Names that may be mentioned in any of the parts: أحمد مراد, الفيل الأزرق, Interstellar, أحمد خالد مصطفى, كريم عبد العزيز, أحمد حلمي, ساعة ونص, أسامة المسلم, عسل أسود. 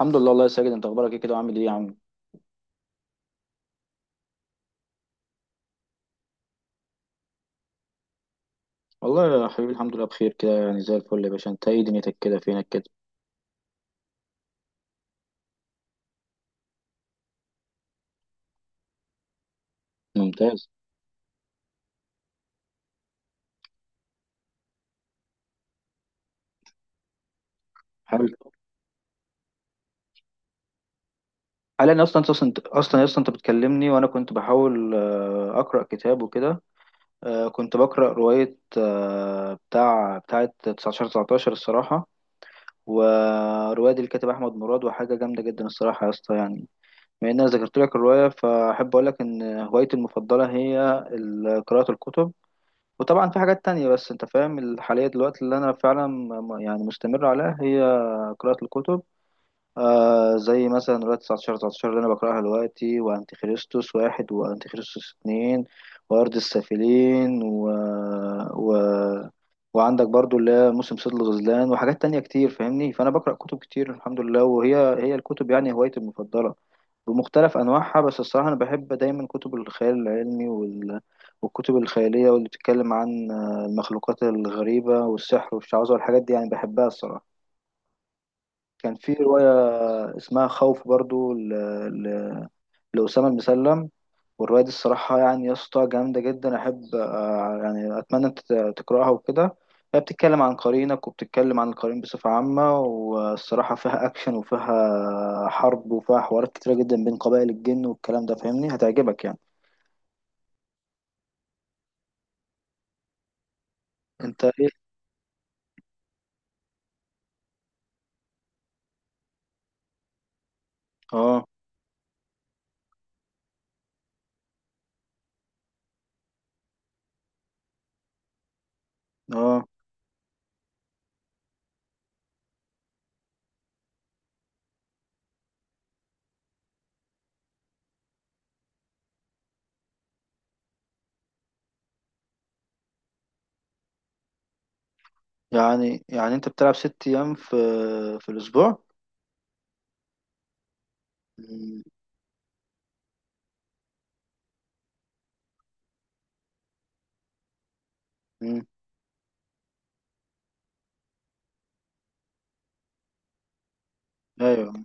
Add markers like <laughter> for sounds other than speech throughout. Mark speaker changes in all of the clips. Speaker 1: الحمد لله، والله يا ساجد انت اخبارك ايه كده وعامل ايه يا عم؟ والله يا حبيبي الحمد لله بخير كده يعني زي الفل يا باشا. انت ايه دنيتك كده؟ فينك كده؟ ممتاز. حلو. حاليا اصلا انت بتكلمني وانا كنت بحاول اقرا كتاب وكده. كنت بقرا روايه بتاع بتاعه 19 19 الصراحه. وروايه دي الكاتب احمد مراد وحاجه جامده جدا الصراحه يا اسطى يعني. بما ان انا ذكرت لك الروايه فاحب اقول لك ان هوايتي المفضله هي قراءه الكتب. وطبعا في حاجات تانية بس انت فاهم الحالية دلوقتي اللي انا فعلا يعني مستمر عليها هي قراءة الكتب. زي مثلا رواية 19 19 اللي أنا بقرأها دلوقتي، وأنتي خريستوس واحد، وأنتي خريستوس اتنين، وأرض السافلين و... وعندك برضو اللي هي موسم صيد الغزلان وحاجات تانية كتير فاهمني. فأنا بقرأ كتب كتير الحمد لله، وهي هي الكتب يعني هوايتي المفضلة، بمختلف أنواعها. بس الصراحة أنا بحب دايما كتب الخيال العلمي والكتب الخيالية واللي بتتكلم عن المخلوقات الغريبة والسحر والشعوذة والحاجات دي يعني بحبها الصراحة. كان في رواية اسمها خوف برضو، ل... لأسامة المسلم. والرواية دي الصراحة يعني يا اسطى جامدة جدا. أحب يعني أتمنى أنت تقرأها وكده. هي بتتكلم عن قرينك وبتتكلم عن القرين بصفة عامة. والصراحة فيها أكشن وفيها حرب وفيها حوارات كتيرة جدا بين قبائل الجن والكلام ده فاهمني، هتعجبك يعني. أنت إيه؟ آه. آه. يعني أنت بتلعب ست أيام في الأسبوع؟ مم. مم. أيوه.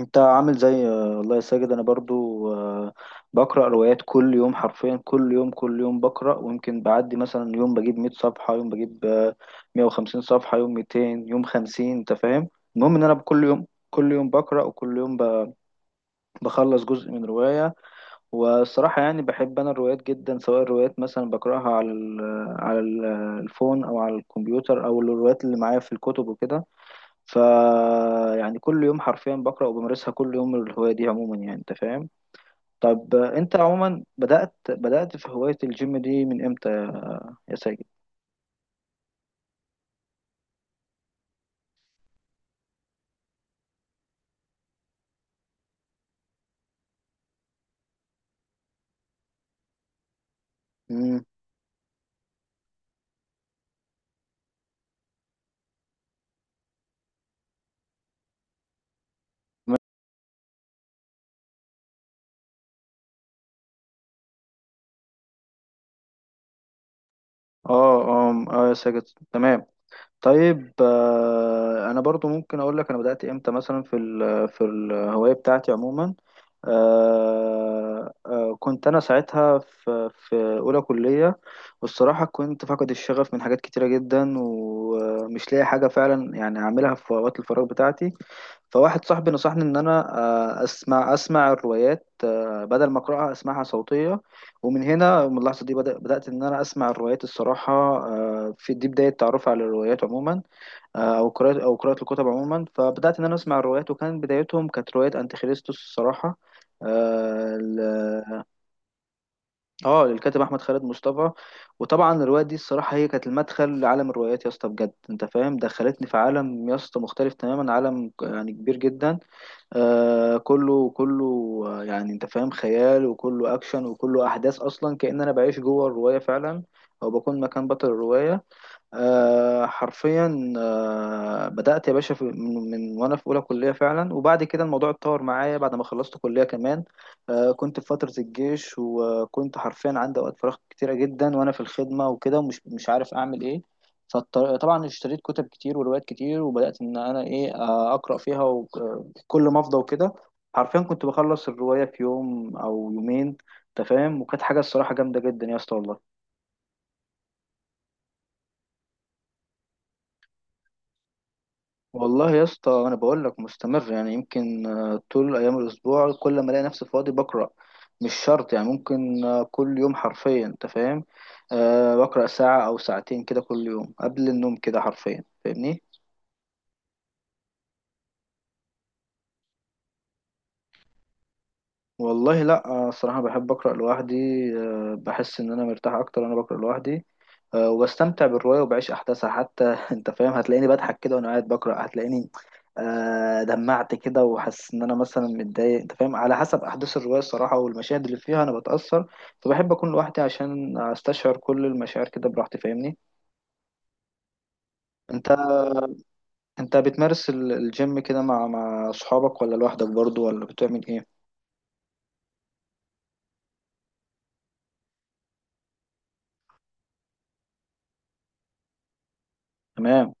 Speaker 1: انت عامل زي والله يا ساجد انا برضو بقرا روايات كل يوم، حرفيا كل يوم كل يوم بقرا، ويمكن بعدي مثلا يوم بجيب 100 صفحه، يوم بجيب 150 صفحه، يوم 200، يوم 50. انت فاهم. المهم ان انا كل يوم كل يوم بقرا، وكل يوم بخلص جزء من روايه. والصراحه يعني بحب انا الروايات جدا، سواء الروايات مثلا بقراها على الفون او على الكمبيوتر او الروايات اللي معايا في الكتب وكده. ف يعني كل يوم حرفيا بقرأ وبمارسها كل يوم الهواية دي عموما يعني انت فاهم. طب انت عموما بدأت في هواية الجيم دي من امتى يا ساجد؟ امم. اه، اه، آه يا ساجد. تمام. طيب انا برضو ممكن اقول لك انا بدأت امتى، مثلا، في الهواية بتاعتي عموما. كنت انا ساعتها في اولى كلية. والصراحة كنت فاقد الشغف من حاجات كتيرة جدا، ومش لاقي حاجة فعلا يعني اعملها في اوقات الفراغ بتاعتي. فواحد صاحبي نصحني ان انا اسمع الروايات بدل ما اقراها اسمعها صوتية. ومن هنا، من اللحظة دي بدأت إن أنا أسمع الروايات الصراحة. في دي بداية تعرفي على الروايات عموما. أو قراءة الكتب عموما. فبدأت إن أنا أسمع الروايات، وكان بدايتهم كانت رواية أنتيخريستوس الصراحة، آه ل- للكاتب أحمد خالد مصطفى. وطبعا الرواية دي الصراحة هي كانت المدخل لعالم الروايات يا اسطى، بجد أنت فاهم دخلتني في عالم يا اسطى مختلف تماما، عالم يعني كبير جدا. كله كله يعني انت فاهم خيال، وكله اكشن، وكله احداث، اصلا كأن انا بعيش جوه الرواية فعلا، او بكون مكان بطل الرواية. حرفيا بدأت يا باشا في من وانا في اولى كلية فعلا، وبعد كده الموضوع اتطور معايا بعد ما خلصت كلية كمان. كنت في فترة الجيش، وكنت حرفيا عندي اوقات فراغ كتيرة جدا وانا في الخدمة وكده، ومش مش عارف اعمل ايه. فطبعا اشتريت كتب كتير وروايات كتير، وبدأت ان انا ايه اقرأ فيها وكل ما افضى وكده. حرفيا كنت بخلص الرواية في يوم او يومين انت فاهم. وكانت حاجة الصراحة جامدة جدا يا اسطى والله. والله يا اسطى انا بقول لك مستمر، يعني يمكن طول ايام الاسبوع كل ما الاقي نفسي فاضي بقرا. مش شرط يعني، ممكن كل يوم حرفيا انت فاهم. بقرا ساعه او ساعتين كده كل يوم قبل النوم كده حرفيا فاهمني. والله لا. الصراحة بحب أقرأ لوحدي. بحس إن أنا مرتاح أكتر وأنا بقرأ لوحدي. وبستمتع بالرواية وبعيش أحداثها حتى <laughs> أنت فاهم، هتلاقيني بضحك كده وأنا قاعد بقرأ، هتلاقيني دمعت كده، وحاسس إن أنا مثلا متضايق أنت فاهم، على حسب أحداث الرواية الصراحة والمشاهد اللي فيها أنا بتأثر. فبحب أكون لوحدي عشان أستشعر كل المشاعر كده براحتي فاهمني. أنت أنت بتمارس الجيم كده مع أصحابك، ولا لوحدك برضو، ولا بتعمل إيه؟ تمام.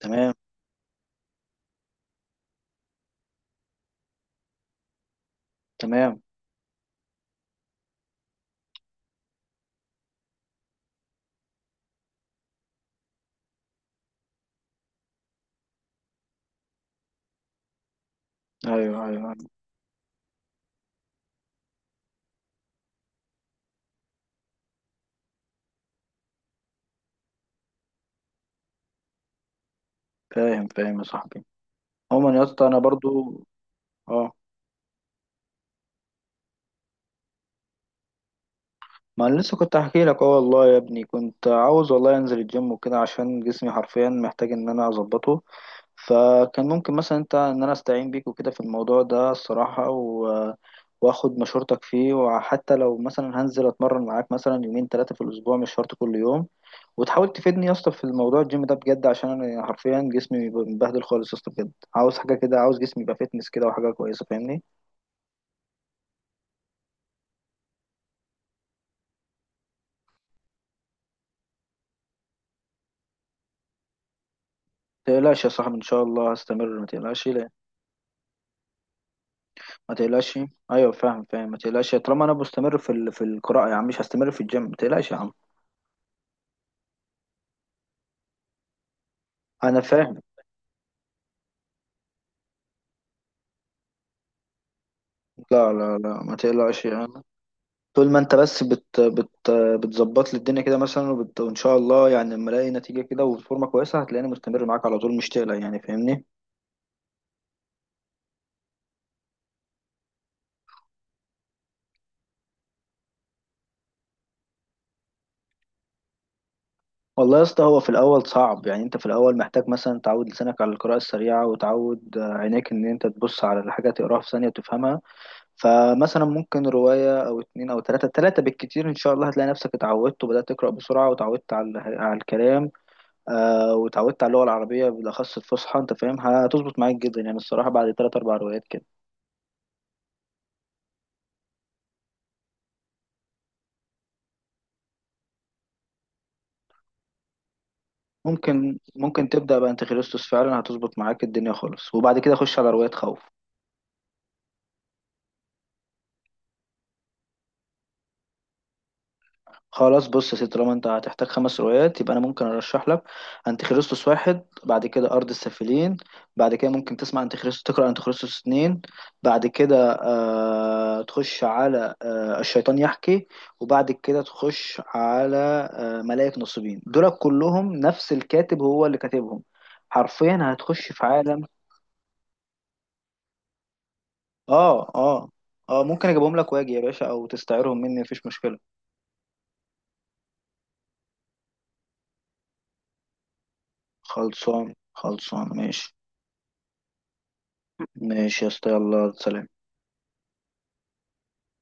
Speaker 1: تمام. تمام. أيوه، أيوه، أيوه. فاهم، فاهم يا صاحبي. عموما يا اسطى انا برضو اه ما انا لسه كنت احكي لك. اه والله يا ابني كنت عاوز، والله، انزل الجيم وكده عشان جسمي حرفيا محتاج ان انا اظبطه. فكان ممكن مثلا انت ان انا استعين بيك وكده في الموضوع ده الصراحة واخد مشورتك فيه، وحتى لو مثلا هنزل اتمرن معاك مثلا يومين ثلاثة في الاسبوع، مش شرط كل يوم. وتحاول تفيدني يا اسطى في الموضوع الجيم ده بجد، عشان انا حرفيا جسمي مبهدل خالص يا اسطى بجد، عاوز حاجة كده، عاوز جسمي يبقى فيتنس كده وحاجة كويسة فاهمني. تقلقش يا صاحبي ان شاء الله هستمر، ما تقلقش لا. ما تقلقش. ايوه فاهم، فاهم، ما تقلقش، طالما انا مستمر في القراءه يا عم، مش هستمر في الجيم، ما تقلقش يا عم. انا فاهم. لا، لا، لا، ما تقلقش يعني. طول ما انت بس بت بت بتظبط لي الدنيا كده مثلا، وان شاء الله يعني لما الاقي نتيجه كده وفورمه كويسه هتلاقيني مستمر معاك على طول مش تقلق يعني فاهمني. والله يا اسطى هو في الاول صعب، يعني انت في الاول محتاج مثلا تعود لسانك على القراءه السريعه، وتعود عينيك ان انت تبص على الحاجه تقراها في ثانيه وتفهمها. فمثلا ممكن رواية أو اتنين أو تلاتة، تلاتة بالكتير إن شاء الله هتلاقي نفسك اتعودت، وبدأت تقرأ بسرعة، وتعودت على الكلام. وتعودت على اللغة العربية بالأخص الفصحى أنت فاهم، هتظبط معاك جدا يعني الصراحة بعد تلات أربع روايات كده. ممكن تبدأ بقى أنت خريستوس، فعلا هتظبط معاك الدنيا خالص، وبعد كده خش على رواية خوف. خلاص بص يا سيدي، طالما انت هتحتاج خمس روايات، يبقى انا ممكن ارشح لك انتيخريستوس واحد، بعد كده ارض السافلين، بعد كده ممكن تسمع انتيخريستوس، تقرا انتيخريستوس اتنين، بعد كده تخش على الشيطان يحكي، وبعد كده تخش على ملائك نصيبين. دول كلهم نفس الكاتب هو اللي كاتبهم. حرفيا هتخش في عالم. اه، اه، اه، ممكن اجيبهم لك واجي يا باشا، او تستعيرهم مني مفيش مشكله. خلصان، خلصان، ماشي. ماشي يا اسطى، يلا سلام.